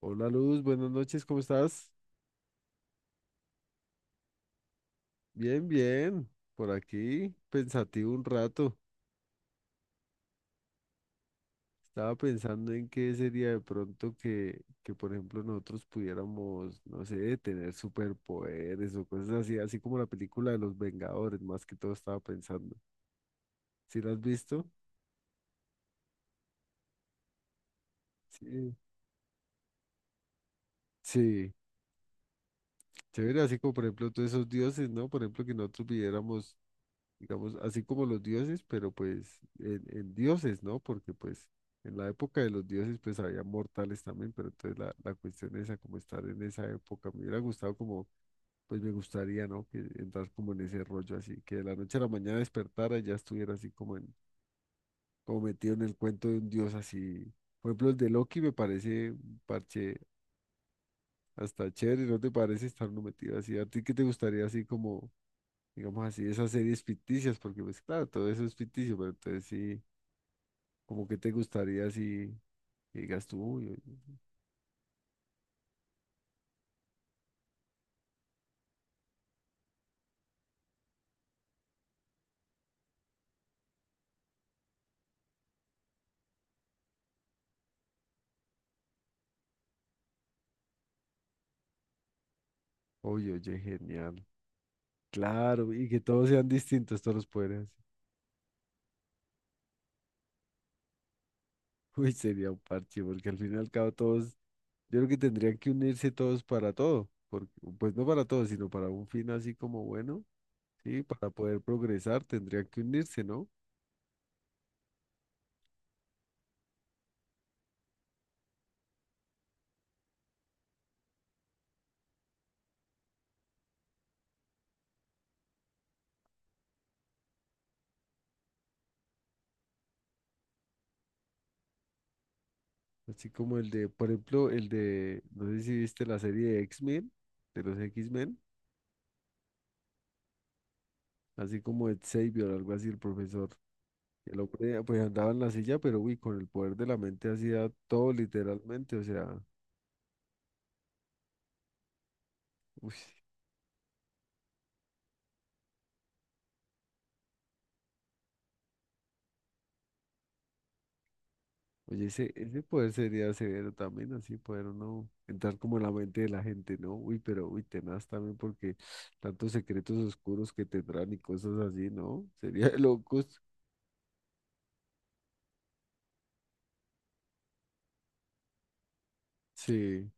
Hola Luz, buenas noches, ¿cómo estás? Bien, bien, por aquí, pensativo un rato. Estaba pensando en qué sería de pronto que, por ejemplo, nosotros pudiéramos, no sé, tener superpoderes o cosas así, así como la película de los Vengadores, más que todo estaba pensando. ¿Sí la has visto? Sí. Sí, chévere, así como por ejemplo todos esos dioses, ¿no? Por ejemplo, que nosotros pudiéramos digamos, así como los dioses, pero pues en dioses, ¿no? Porque pues en la época de los dioses pues había mortales también, pero entonces la cuestión esa como estar en esa época, me hubiera gustado como, pues me gustaría, ¿no? Que entrar como en ese rollo así, que de la noche a la mañana despertara y ya estuviera así como metido en el cuento de un dios así. Por ejemplo, el de Loki me parece un parche hasta chévere, ¿no te parece estar uno metido así? ¿A ti qué te gustaría así como digamos así, esas series ficticias, porque pues claro, todo eso es ficticio, pero entonces sí, como que te gustaría si que digas tú, uy, oye, oye, genial. Claro, y que todos sean distintos, todos los poderes. Uy, sería un parche, porque al fin y al cabo todos, yo creo que tendrían que unirse todos para todo, porque, pues no para todo, sino para un fin así como bueno, sí, para poder progresar tendrían que unirse, ¿no? Así como el de, por ejemplo, el de, no sé si viste la serie de X-Men, de los X-Men. Así como Ed Xavier, algo así, el profesor. El hombre pues andaba en la silla, pero uy, con el poder de la mente hacía todo literalmente, o sea, uy, oye, ese poder sería severo también, así poder uno entrar como en la mente de la gente, ¿no? Uy, pero uy, tenaz también porque tantos secretos oscuros que tendrán y cosas así, ¿no? Sería de locos. Sí.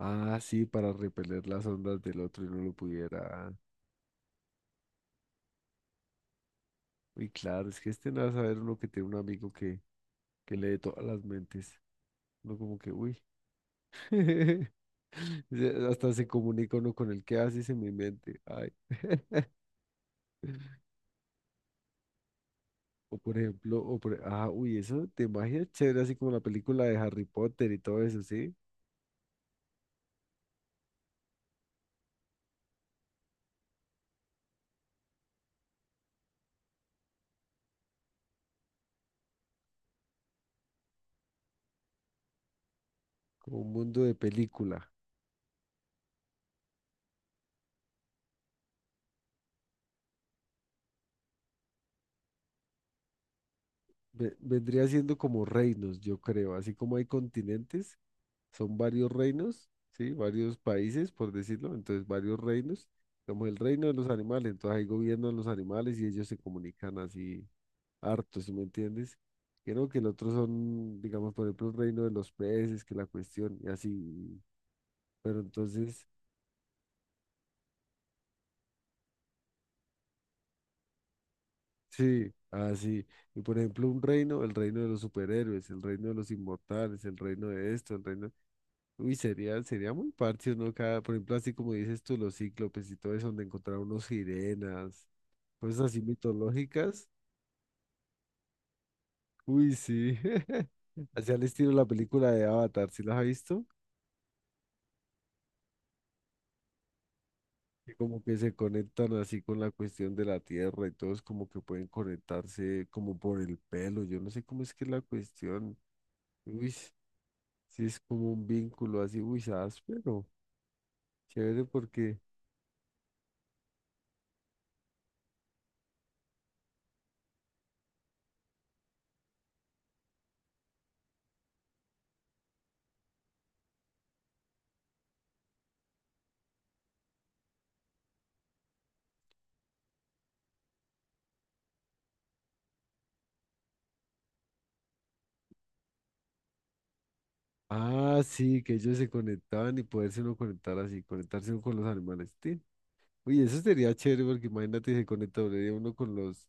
Ah, sí, para repeler las ondas del otro y no lo pudiera. Uy, claro, es que es tenaz saber uno que tiene un amigo que lee todas las mentes. Uno como que, uy. Se- Hasta se comunica uno con el que hace y se me mente. Ay. O por ejemplo, ah, uy, eso de magia es chévere, así como la película de Harry Potter y todo eso, ¿sí? Como un mundo de película. Vendría siendo como reinos, yo creo. Así como hay continentes, son varios reinos, ¿sí? Varios países, por decirlo. Entonces, varios reinos. Como el reino de los animales. Entonces, ahí gobiernan los animales y ellos se comunican así harto, ¿si me entiendes? Creo que el otro son, digamos, por ejemplo, el reino de los peces, que la cuestión, y así. Pero entonces, sí, así. Y por ejemplo, un reino, el reino de los superhéroes, el reino de los inmortales, el reino de esto, el reino. Uy, sería muy parche, ¿no? Cada, por ejemplo, así como dices tú, los cíclopes y todo eso, donde encontrar unos sirenas, cosas así mitológicas. Uy, sí. Así al estilo de la película de Avatar, ¿sí las has visto? Que como que se conectan así con la cuestión de la tierra y todos como que pueden conectarse como por el pelo. Yo no sé cómo es que es la cuestión. Uy, sí es como un vínculo así, uy, áspero. Chévere porque, ah, sí, que ellos se conectaban y poderse uno conectar así, conectarse uno con los animales. Sí. Uy, eso sería chévere porque imagínate se conecta uno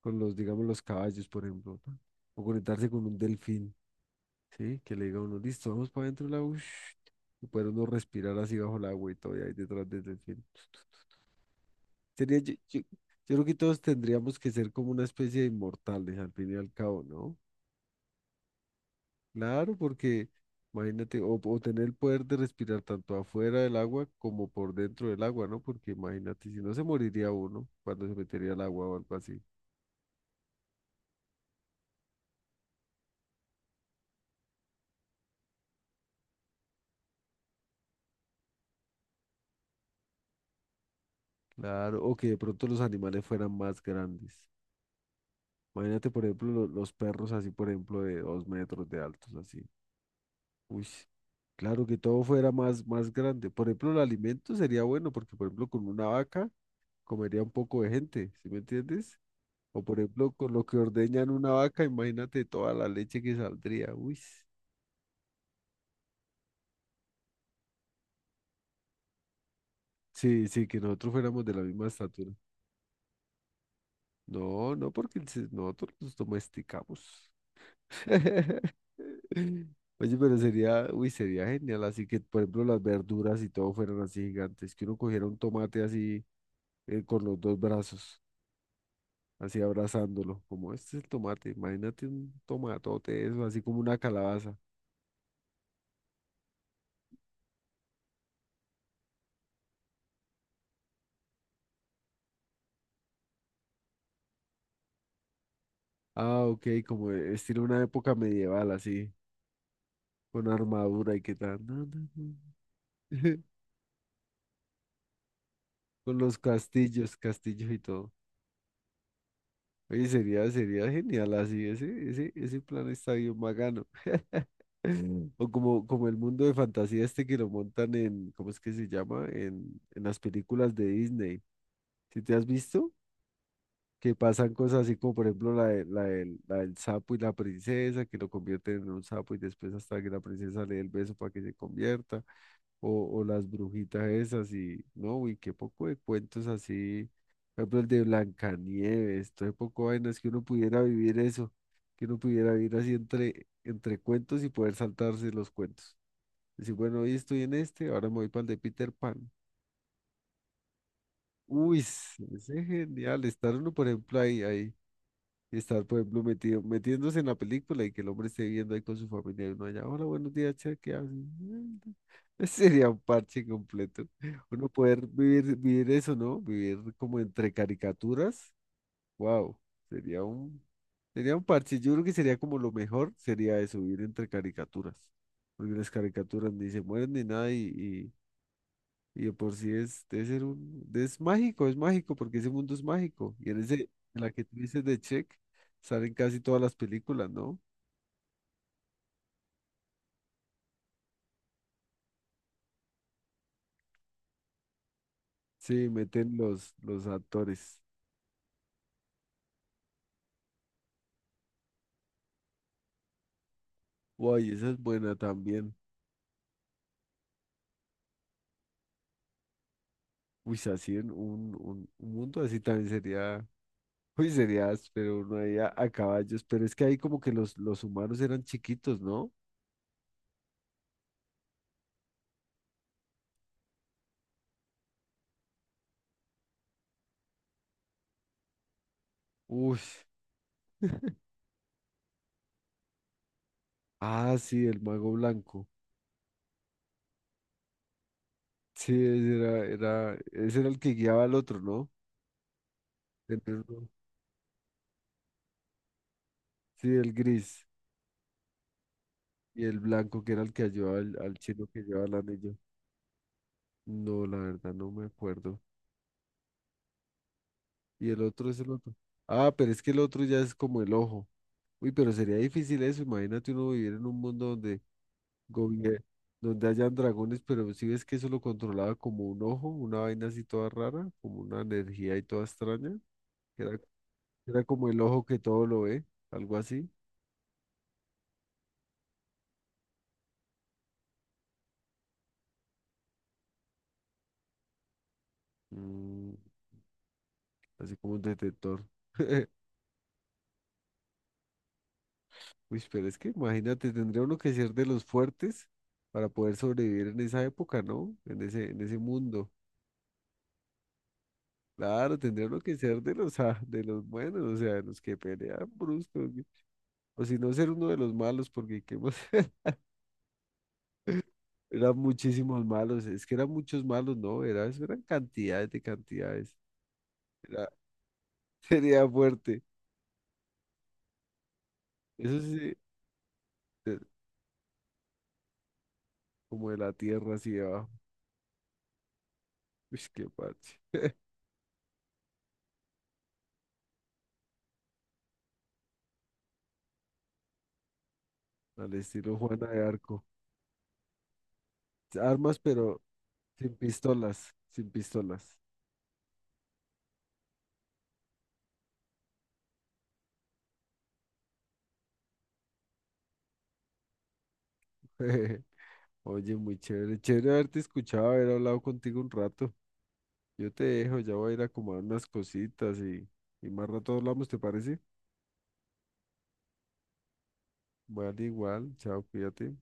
con los, digamos, los caballos, por ejemplo, o conectarse con un delfín. Sí, que le diga a uno, listo, vamos para adentro del agua. Ush, y poder uno respirar así bajo el agua y todo, y ahí detrás del delfín. Sería, yo, yo creo que todos tendríamos que ser como una especie de inmortales, al fin y al cabo, ¿no? Claro, porque imagínate, o tener el poder de respirar tanto afuera del agua como por dentro del agua, ¿no? Porque imagínate, si no se moriría uno cuando se metería al agua o algo así. Claro, o que de pronto los animales fueran más grandes. Imagínate, por ejemplo, los perros así, por ejemplo, de 2 metros de altos, así. Uy, claro, que todo fuera más, más grande. Por ejemplo, el alimento sería bueno, porque por ejemplo, con una vaca comería un poco de gente, ¿sí me entiendes? O por ejemplo, con lo que ordeñan una vaca, imagínate toda la leche que saldría. Uy, sí, sí, que nosotros fuéramos de la misma estatura. No, no, porque nosotros nos domesticamos. Oye, pero sería, uy, sería genial. Así que, por ejemplo, las verduras y todo fueran así gigantes, que uno cogiera un tomate así con los dos brazos. Así abrazándolo, como este es el tomate, imagínate un tomatote, eso, así como una calabaza. Ah, ok, como e, estilo una época medieval, así, con armadura y qué tal, no, no, no. Con los castillos, castillos y todo. Oye, sería, sería genial así, ese plan está bien bacano. O como, como el mundo de fantasía este que lo montan en, ¿cómo es que se llama? En las películas de Disney. ¿Si te has visto? Que pasan cosas así como por ejemplo la del sapo y la princesa, que lo convierten en un sapo y después hasta que la princesa le dé el beso para que se convierta, o las brujitas esas y no, uy, qué poco de cuentos así, por ejemplo el de Blancanieves, todo poco vainas que uno pudiera vivir eso, que uno pudiera vivir así entre cuentos y poder saltarse los cuentos. Decir, bueno, hoy estoy en este, ahora me voy para el de Peter Pan. Uy, ese es genial, estar uno, por ejemplo, ahí, ahí. Y estar, por ejemplo, metido, metiéndose en la película y que el hombre esté viendo ahí con su familia y uno allá, hola, buenos días, che, ¿qué hacen? Sería un parche completo. Uno poder vivir, vivir eso, ¿no? Vivir como entre caricaturas. Wow, sería un, sería un parche. Yo creo que sería como lo mejor, sería eso, vivir entre caricaturas. Porque las caricaturas ni se mueren ni nada y de por sí es, debe ser es mágico, porque ese mundo es mágico. Y en ese, en la que tú dices de Check, salen casi todas las películas, ¿no? Sí, meten los actores. Uy, esa es buena también. Uy, así en un mundo así también sería, uy, sería pero uno ahí a caballos. Pero es que ahí como que los humanos eran chiquitos, ¿no? Uy. Ah, sí, el mago blanco. Sí, ese era, era, ese era el que guiaba al otro, ¿no? El- Sí, el gris. Y el blanco que era el que ayudaba al, al chino que llevaba el anillo. No, la verdad no me acuerdo. Y el otro es el otro. Ah, pero es que el otro ya es como el ojo. Uy, pero sería difícil eso. Imagínate uno vivir en un mundo donde gobier- donde hayan dragones, pero si ves que eso lo controlaba como un ojo, una vaina así toda rara, como una energía y toda extraña, que era como el ojo que todo lo ve, algo así. Mm, así como un detector. Uy, pero es que imagínate, tendría uno que ser de los fuertes para poder sobrevivir en esa época, ¿no? En ese mundo. Claro, tendría uno que ser de los, ah, de los buenos, o sea, de los que pelean brusco. O si no, ser uno de los malos, porque ¿qué más? Eran muchísimos malos. Es que eran muchos malos, ¿no? Era, eso eran cantidades de cantidades. Era, sería fuerte. Eso sí, de- como de la tierra así abajo. Uy, qué parche. Al estilo Juana de Arco. Armas, pero. Sin pistolas, sin pistolas. Oye, muy chévere. Chévere haberte escuchado, haber hablado contigo un rato. Yo te dejo, ya voy a ir a acomodar unas cositas y más rato hablamos, ¿te parece? Vale, igual. Chao, cuídate.